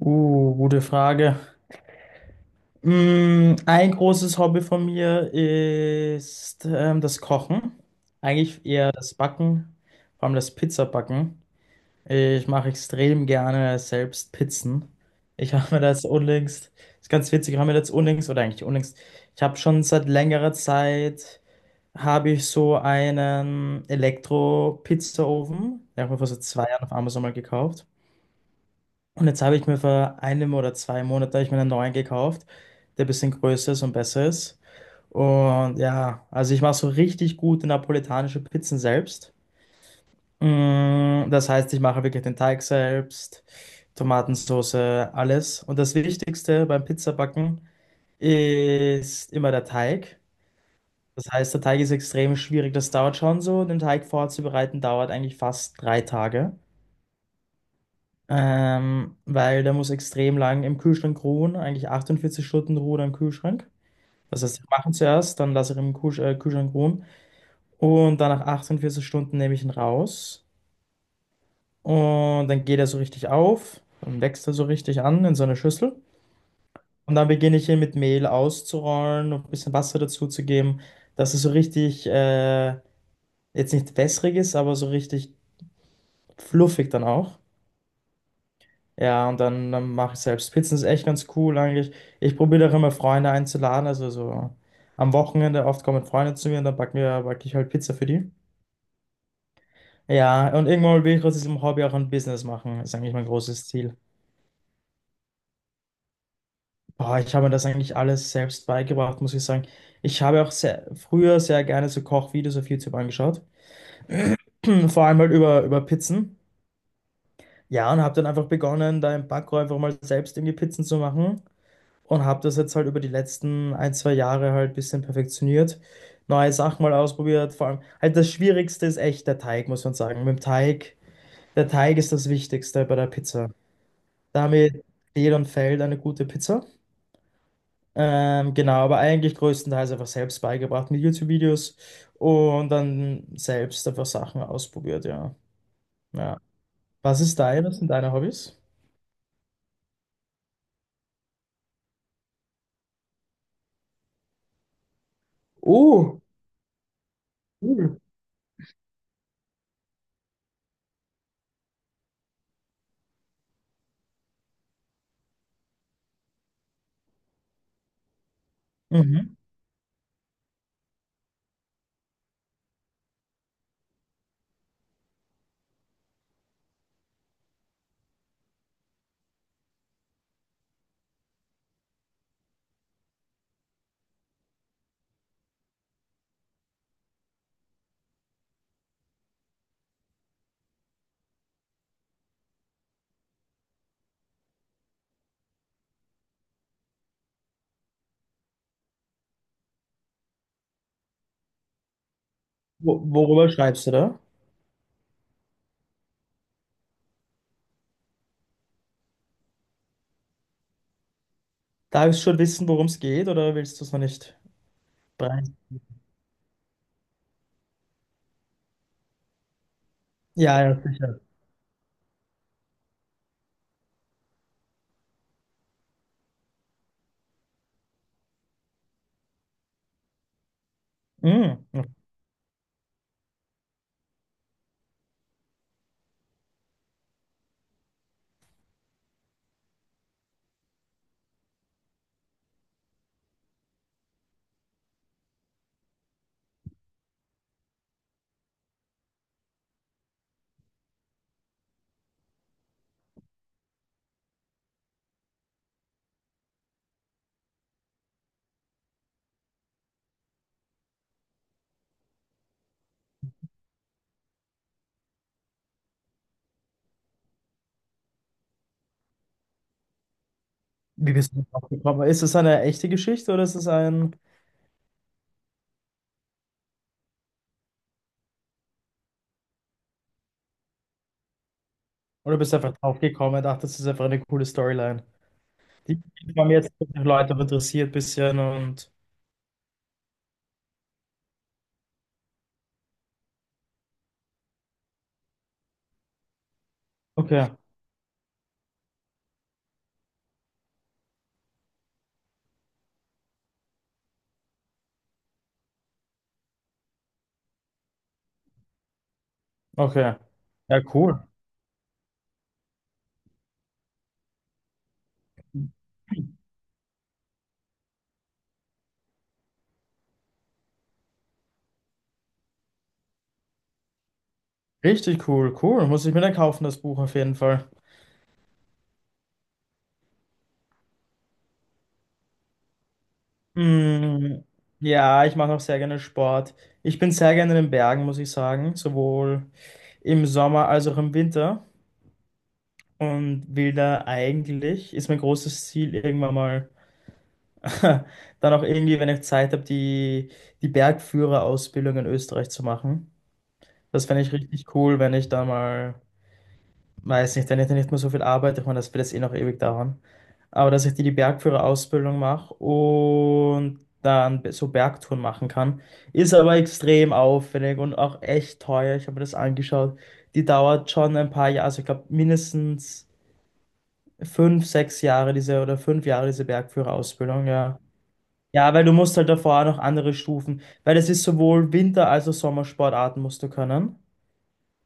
Gute Frage. Ein großes Hobby von mir ist das Kochen. Eigentlich eher das Backen, vor allem das Pizzabacken. Ich mache extrem gerne selbst Pizzen. Ich habe mir das unlängst, ist ganz witzig, ich habe mir das unlängst, oder eigentlich unlängst, ich habe schon seit längerer Zeit, habe ich so einen Elektro-Pizzaofen, den habe ich mir vor so 2 Jahren auf Amazon mal gekauft. Und jetzt habe ich mir vor einem oder 2 Monaten habe ich mir einen neuen gekauft, der ein bisschen größer ist und besser ist. Und ja, also ich mache so richtig gute napolitanische Pizzen selbst. Das heißt, ich mache wirklich den Teig selbst, Tomatensauce, alles. Und das Wichtigste beim Pizzabacken ist immer der Teig. Das heißt, der Teig ist extrem schwierig. Das dauert schon so. Den Teig vorzubereiten dauert eigentlich fast 3 Tage. Weil der muss extrem lang im Kühlschrank ruhen, eigentlich 48 Stunden Ruhe im Kühlschrank. Das heißt, ich mache ihn zuerst, dann lasse ich ihn im Kühlschrank ruhen und dann nach 48 Stunden nehme ich ihn raus und dann geht er so richtig auf, dann wächst er so richtig an in so eine Schüssel und dann beginne ich ihn mit Mehl auszurollen und ein bisschen Wasser dazu zu geben, dass es so richtig, jetzt nicht wässrig ist, aber so richtig fluffig dann auch. Ja, und dann mache ich selbst. Pizzen ist echt ganz cool eigentlich. Ich probiere auch immer Freunde einzuladen. Also so am Wochenende oft kommen Freunde zu mir und dann backe ich halt Pizza für die. Ja, und irgendwann will ich aus diesem Hobby auch ein Business machen. Ist eigentlich mein großes Ziel. Boah, ich habe mir das eigentlich alles selbst beigebracht, muss ich sagen. Ich habe auch früher sehr gerne so Kochvideos auf YouTube angeschaut. Vor allem halt über Pizzen. Ja, und habe dann einfach begonnen, da im Backrohr einfach mal selbst irgendwie Pizzen zu machen. Und habe das jetzt halt über die letzten ein, zwei Jahre halt ein bisschen perfektioniert. Neue Sachen mal ausprobiert. Vor allem halt das Schwierigste ist echt der Teig, muss man sagen. Mit dem Teig, der Teig ist das Wichtigste bei der Pizza. Damit steht und fällt eine gute Pizza. Genau, aber eigentlich größtenteils einfach selbst beigebracht mit YouTube-Videos und dann selbst einfach Sachen ausprobiert, ja. Ja. Was sind deine Hobbys? Oh, cool. Mhm. Worüber schreibst du da? Darf ich schon wissen, worum es geht, oder willst du es noch nicht breien? Ja, ja, sicher. Mm. Wie bist du drauf gekommen? Ist es eine echte Geschichte oder ist es ein. Oder bist du einfach drauf gekommen und dachtest, das ist einfach eine coole Storyline? Die die haben jetzt die Leute auch interessiert ein bisschen und. Okay, okay. Ja, cool. Richtig cool, cool. Muss ich mir dann kaufen, das Buch auf jeden Fall. Mm, ja, ich mache auch sehr gerne Sport. Ich bin sehr gerne in den Bergen, muss ich sagen. Sowohl im Sommer als auch im Winter. Und will da eigentlich, ist mein großes Ziel, irgendwann mal dann auch irgendwie, wenn ich Zeit habe, die Bergführerausbildung in Österreich zu machen. Das fände ich richtig cool, wenn ich da mal, weiß nicht, wenn ich da nicht mehr so viel arbeite, ich meine, das wird jetzt eh noch ewig dauern. Aber dass ich die Bergführerausbildung mache und dann so Bergtouren machen kann, ist aber extrem aufwendig und auch echt teuer. Ich habe mir das angeschaut. Die dauert schon ein paar Jahre, also ich glaube mindestens. 5, 6 Jahre diese oder 5 Jahre diese Bergführerausbildung, ja. Ja, weil du musst halt davor auch noch andere Stufen, weil das ist sowohl Winter- als auch Sommersportarten musst du können.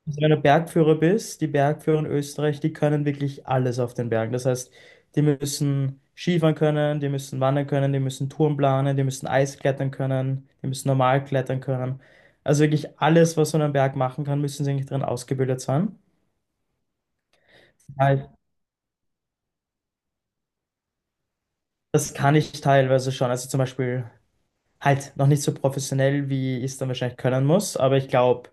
Also wenn du Bergführer bist, die Bergführer in Österreich, die können wirklich alles auf den Bergen. Das heißt, die müssen Skifahren können, die müssen wandern können, die müssen Touren planen, die müssen Eisklettern können, die müssen normal klettern können. Also wirklich alles, was man am Berg machen kann, müssen sie eigentlich drin ausgebildet sein. Weil das kann ich teilweise schon. Also zum Beispiel halt noch nicht so professionell, wie ich es dann wahrscheinlich können muss, aber ich glaube,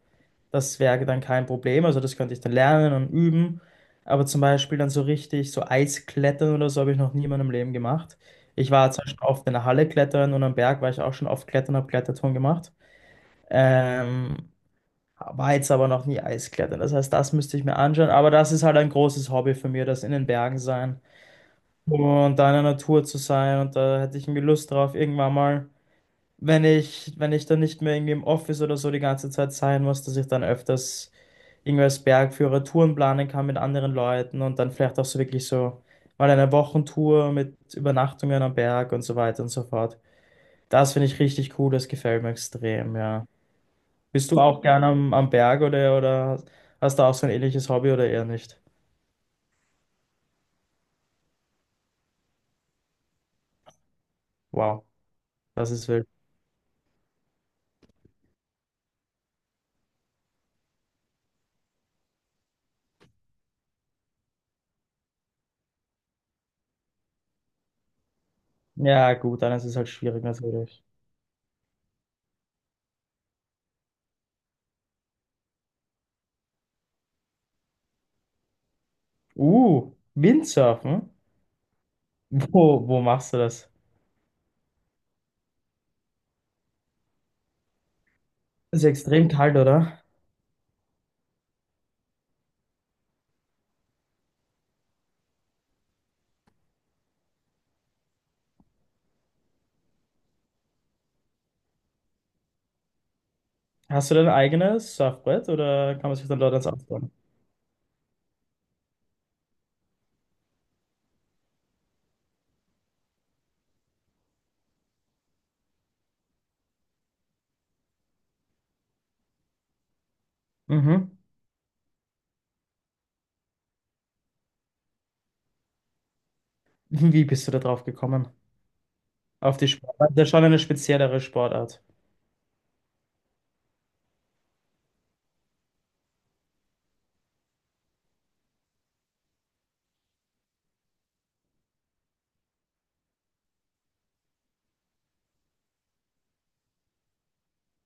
das wäre dann kein Problem. Also das könnte ich dann lernen und üben. Aber zum Beispiel dann so richtig, so Eisklettern oder so habe ich noch nie in meinem Leben gemacht. Ich war zwar schon oft in der Halle klettern und am Berg war ich auch schon oft klettern, habe Kletterturm gemacht. Ähm, war jetzt aber noch nie Eisklettern. Das heißt, das müsste ich mir anschauen. Aber das ist halt ein großes Hobby von mir, das in den Bergen sein und da in der Natur zu sein. Und da hätte ich irgendwie Lust drauf, irgendwann mal wenn ich dann nicht mehr irgendwie im Office oder so die ganze Zeit sein muss, dass ich dann öfters irgendwie als Bergführer Touren planen kann mit anderen Leuten und dann vielleicht auch so wirklich so mal eine Wochentour mit Übernachtungen am Berg und so weiter und so fort. Das finde ich richtig cool, das gefällt mir extrem, ja. Bist du auch gern am Berg oder hast du auch so ein ähnliches Hobby oder eher nicht? Wow, das ist wild. Ja, gut, dann ist es halt schwierig natürlich. Windsurfen? Wo machst du das? Das ist ja extrem kalt, oder? Hast du dein eigenes Surfbrett oder kann man sich dann dort eins ausleihen? Mhm. Wie bist du da drauf gekommen? Auf die Sportart? Das ist schon eine speziellere Sportart.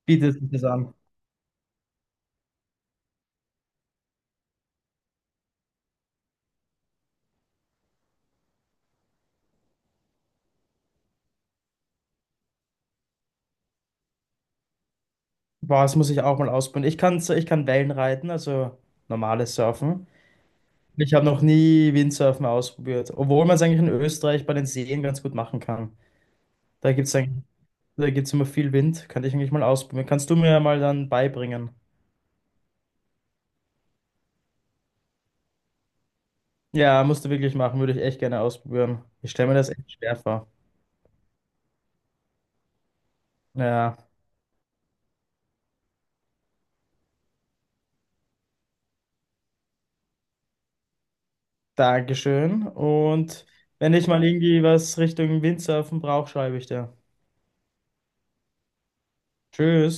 Bietet sich das an. Boah, das muss ich auch mal ausprobieren. Ich kann, so, ich kann Wellen reiten, also normales Surfen. Ich habe noch nie Windsurfen ausprobiert, obwohl man es eigentlich in Österreich bei den Seen ganz gut machen kann. Da gibt es eigentlich, da gibt's immer viel Wind. Könnte ich eigentlich mal ausprobieren. Kannst du mir mal dann beibringen? Ja, musst du wirklich machen, würde ich echt gerne ausprobieren. Ich stelle mir das echt schwer vor. Ja, dankeschön. Und wenn ich mal irgendwie was Richtung Windsurfen brauche, schreibe ich dir. Tschüss.